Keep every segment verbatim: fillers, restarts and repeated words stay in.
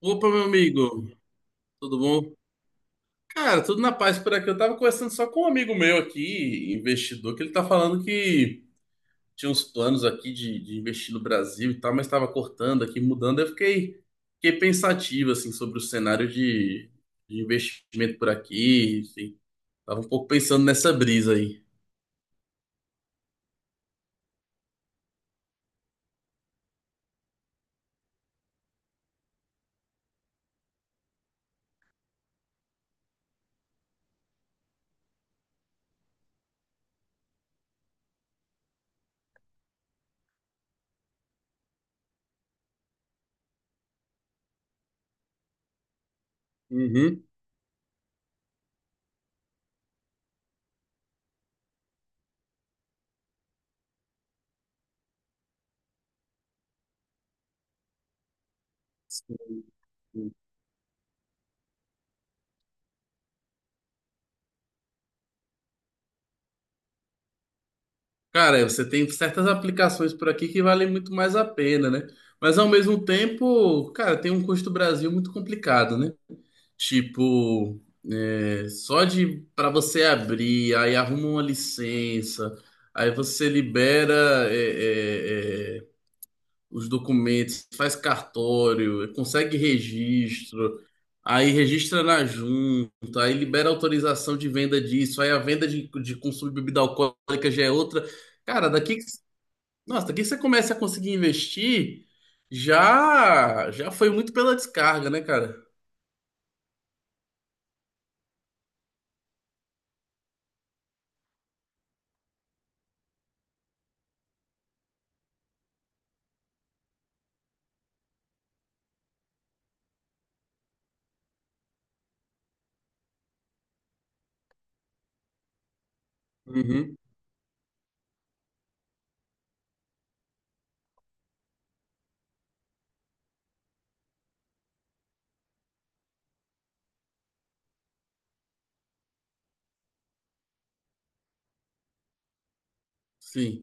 Opa, meu amigo, tudo bom? Cara, tudo na paz por aqui. Eu tava conversando só com um amigo meu aqui, investidor, que ele tá falando que tinha uns planos aqui de, de investir no Brasil e tal, mas tava cortando aqui, mudando. Eu fiquei, fiquei pensativo, assim, sobre o cenário de, de investimento por aqui, enfim. Tava um pouco pensando nessa brisa aí. Uhum. Cara, você tem certas aplicações por aqui que valem muito mais a pena, né? Mas ao mesmo tempo, cara, tem um custo Brasil muito complicado, né? Tipo, é, só de para você abrir, aí arruma uma licença, aí você libera é, é, é, os documentos, faz cartório, consegue registro, aí registra na junta, aí libera autorização de venda disso, aí a venda de, de consumo de bebida alcoólica já é outra. Cara, daqui que, nossa, daqui que você começa a conseguir investir, já já foi muito pela descarga, né, cara? Uhum, sim,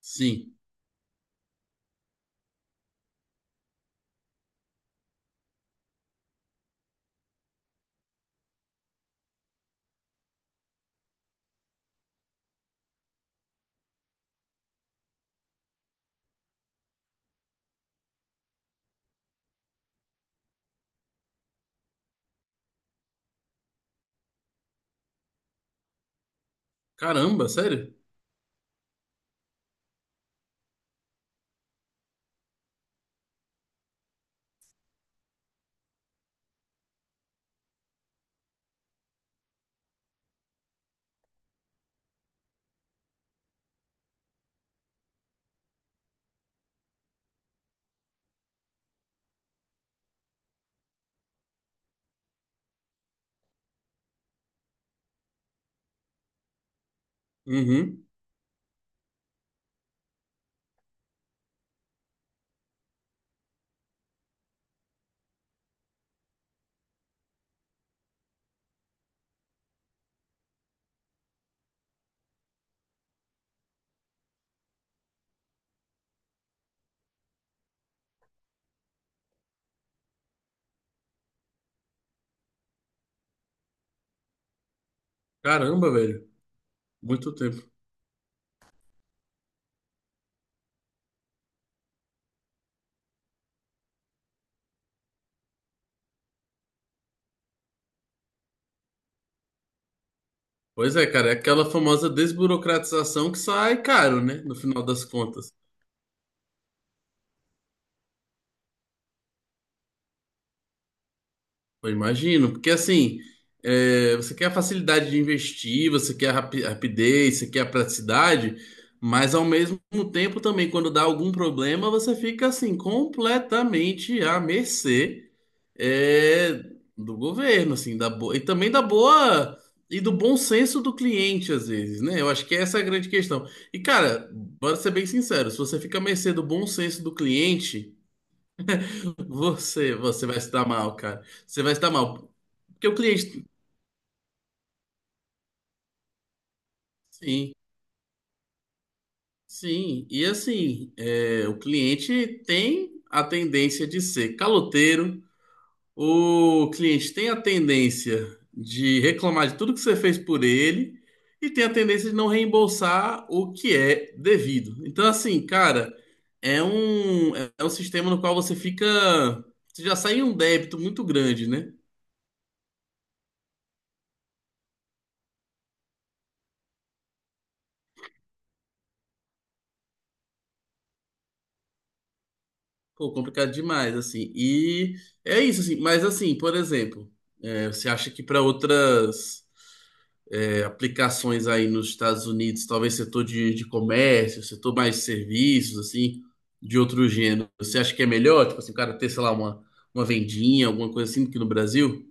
sim. Caramba, sério? Uhum. Caramba, velho. Muito tempo. Pois é, cara, é aquela famosa desburocratização que sai caro, né? No final das contas. Eu imagino, porque assim, é, você quer a facilidade de investir, você quer a rapi- rapidez, você quer a praticidade, mas ao mesmo tempo também, quando dá algum problema, você fica assim, completamente à mercê, é, do governo, assim, da boa, e também da boa e do bom senso do cliente, às vezes, né? Eu acho que essa é a grande questão. E, cara, bora ser bem sincero, se você fica à mercê do bom senso do cliente, você, você vai se dar mal, cara. Você vai se dar mal. Porque o cliente. Sim, sim. E assim, é, o cliente tem a tendência de ser caloteiro, o cliente tem a tendência de reclamar de tudo que você fez por ele e tem a tendência de não reembolsar o que é devido. Então, assim, cara, é um, é um sistema no qual você fica. Você já sai em um débito muito grande, né? Pô, complicado demais, assim. E é isso, assim. Mas, assim, por exemplo, é, você acha que para outras é, aplicações aí nos Estados Unidos, talvez setor de, de comércio, setor mais de serviços, assim, de outro gênero, você acha que é melhor? Tipo assim, o cara ter, sei lá, uma, uma vendinha, alguma coisa assim, do que no Brasil?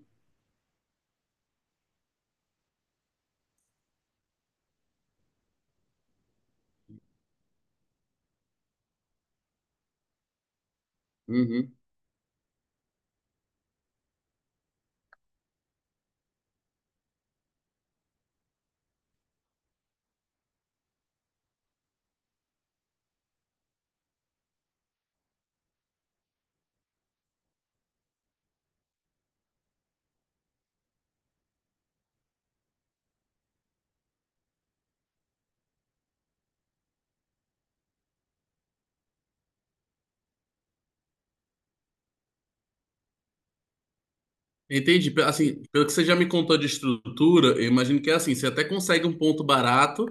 Uhum. Entendi. Pe- Assim, pelo que você já me contou de estrutura, eu imagino que é assim, você até consegue um ponto barato,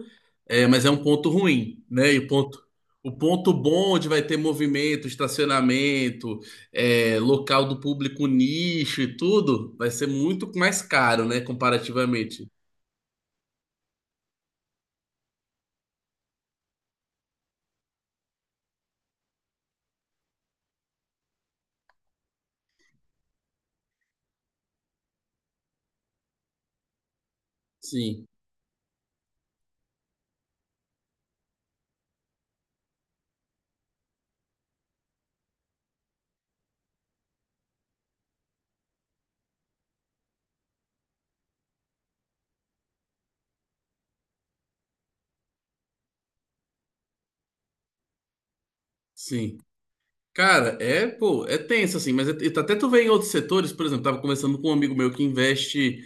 é, mas é um ponto ruim, né? E o ponto, o ponto bom onde vai ter movimento, estacionamento, é, local do público nicho e tudo, vai ser muito mais caro, né? Comparativamente. Sim, sim. Cara, é, pô, é tenso assim, mas é- até tu vê em outros setores, por exemplo, tava conversando com um amigo meu que investe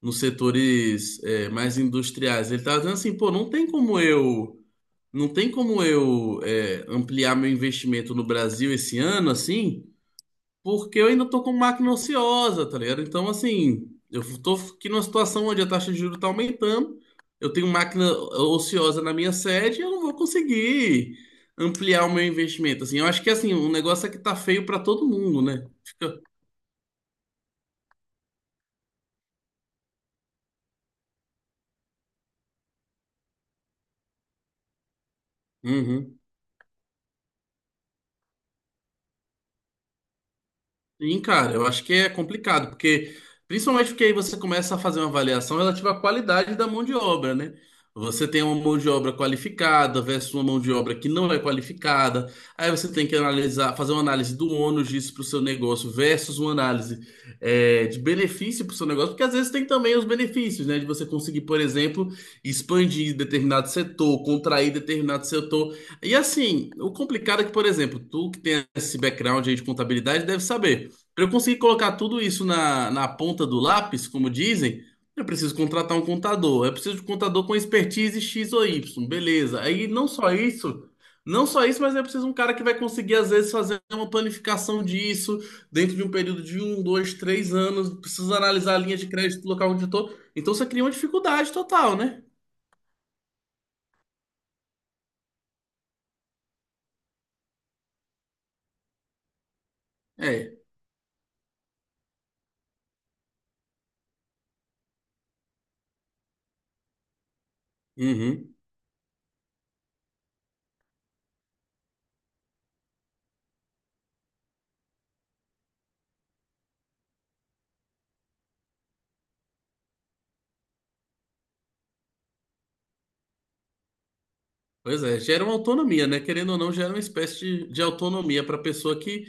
nos setores é, mais industriais. Ele tava dizendo assim, pô, não tem como eu, não tem como eu é, ampliar meu investimento no Brasil esse ano assim, porque eu ainda tô com máquina ociosa, tá ligado? Então, assim, eu tô aqui numa situação onde a taxa de juros tá aumentando, eu tenho máquina ociosa na minha sede, eu não vou conseguir ampliar o meu investimento. Assim, eu acho que, assim, o negócio é que tá feio pra todo mundo, né? Fica... Uhum. Sim, cara, eu acho que é complicado, porque principalmente porque aí você começa a fazer uma avaliação relativa à qualidade da mão de obra, né? Você tem uma mão de obra qualificada versus uma mão de obra que não é qualificada. Aí você tem que analisar, fazer uma análise do ônus disso para o seu negócio versus uma análise é, de benefício para o seu negócio, porque às vezes tem também os benefícios, né? De você conseguir, por exemplo, expandir determinado setor, contrair determinado setor. E assim, o complicado é que, por exemplo, tu que tem esse background aí de contabilidade deve saber. Para eu conseguir colocar tudo isso na, na ponta do lápis, como dizem, eu preciso contratar um contador. Eu preciso de um contador com expertise X ou Y, beleza. Aí não só isso, não só isso, mas eu preciso de um cara que vai conseguir, às vezes, fazer uma planificação disso dentro de um período de um, dois, três anos. Preciso analisar a linha de crédito do local onde eu estou. Então você cria uma dificuldade total, né? É. Uhum. Pois é, gera uma autonomia, né? Querendo ou não, gera uma espécie de, de autonomia para a pessoa que,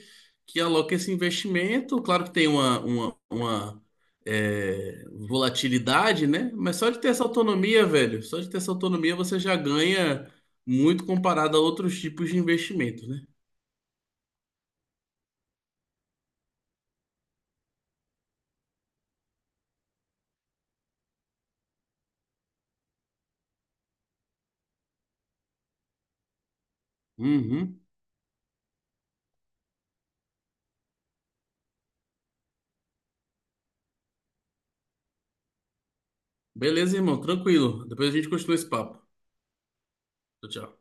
que aloca esse investimento. Claro que tem uma, uma, uma, é, volatilidade, né? Mas só de ter essa autonomia, velho, só de ter essa autonomia você já ganha muito comparado a outros tipos de investimento, né? Uhum. Beleza, irmão, tranquilo. Depois a gente continua esse papo. Tchau, tchau.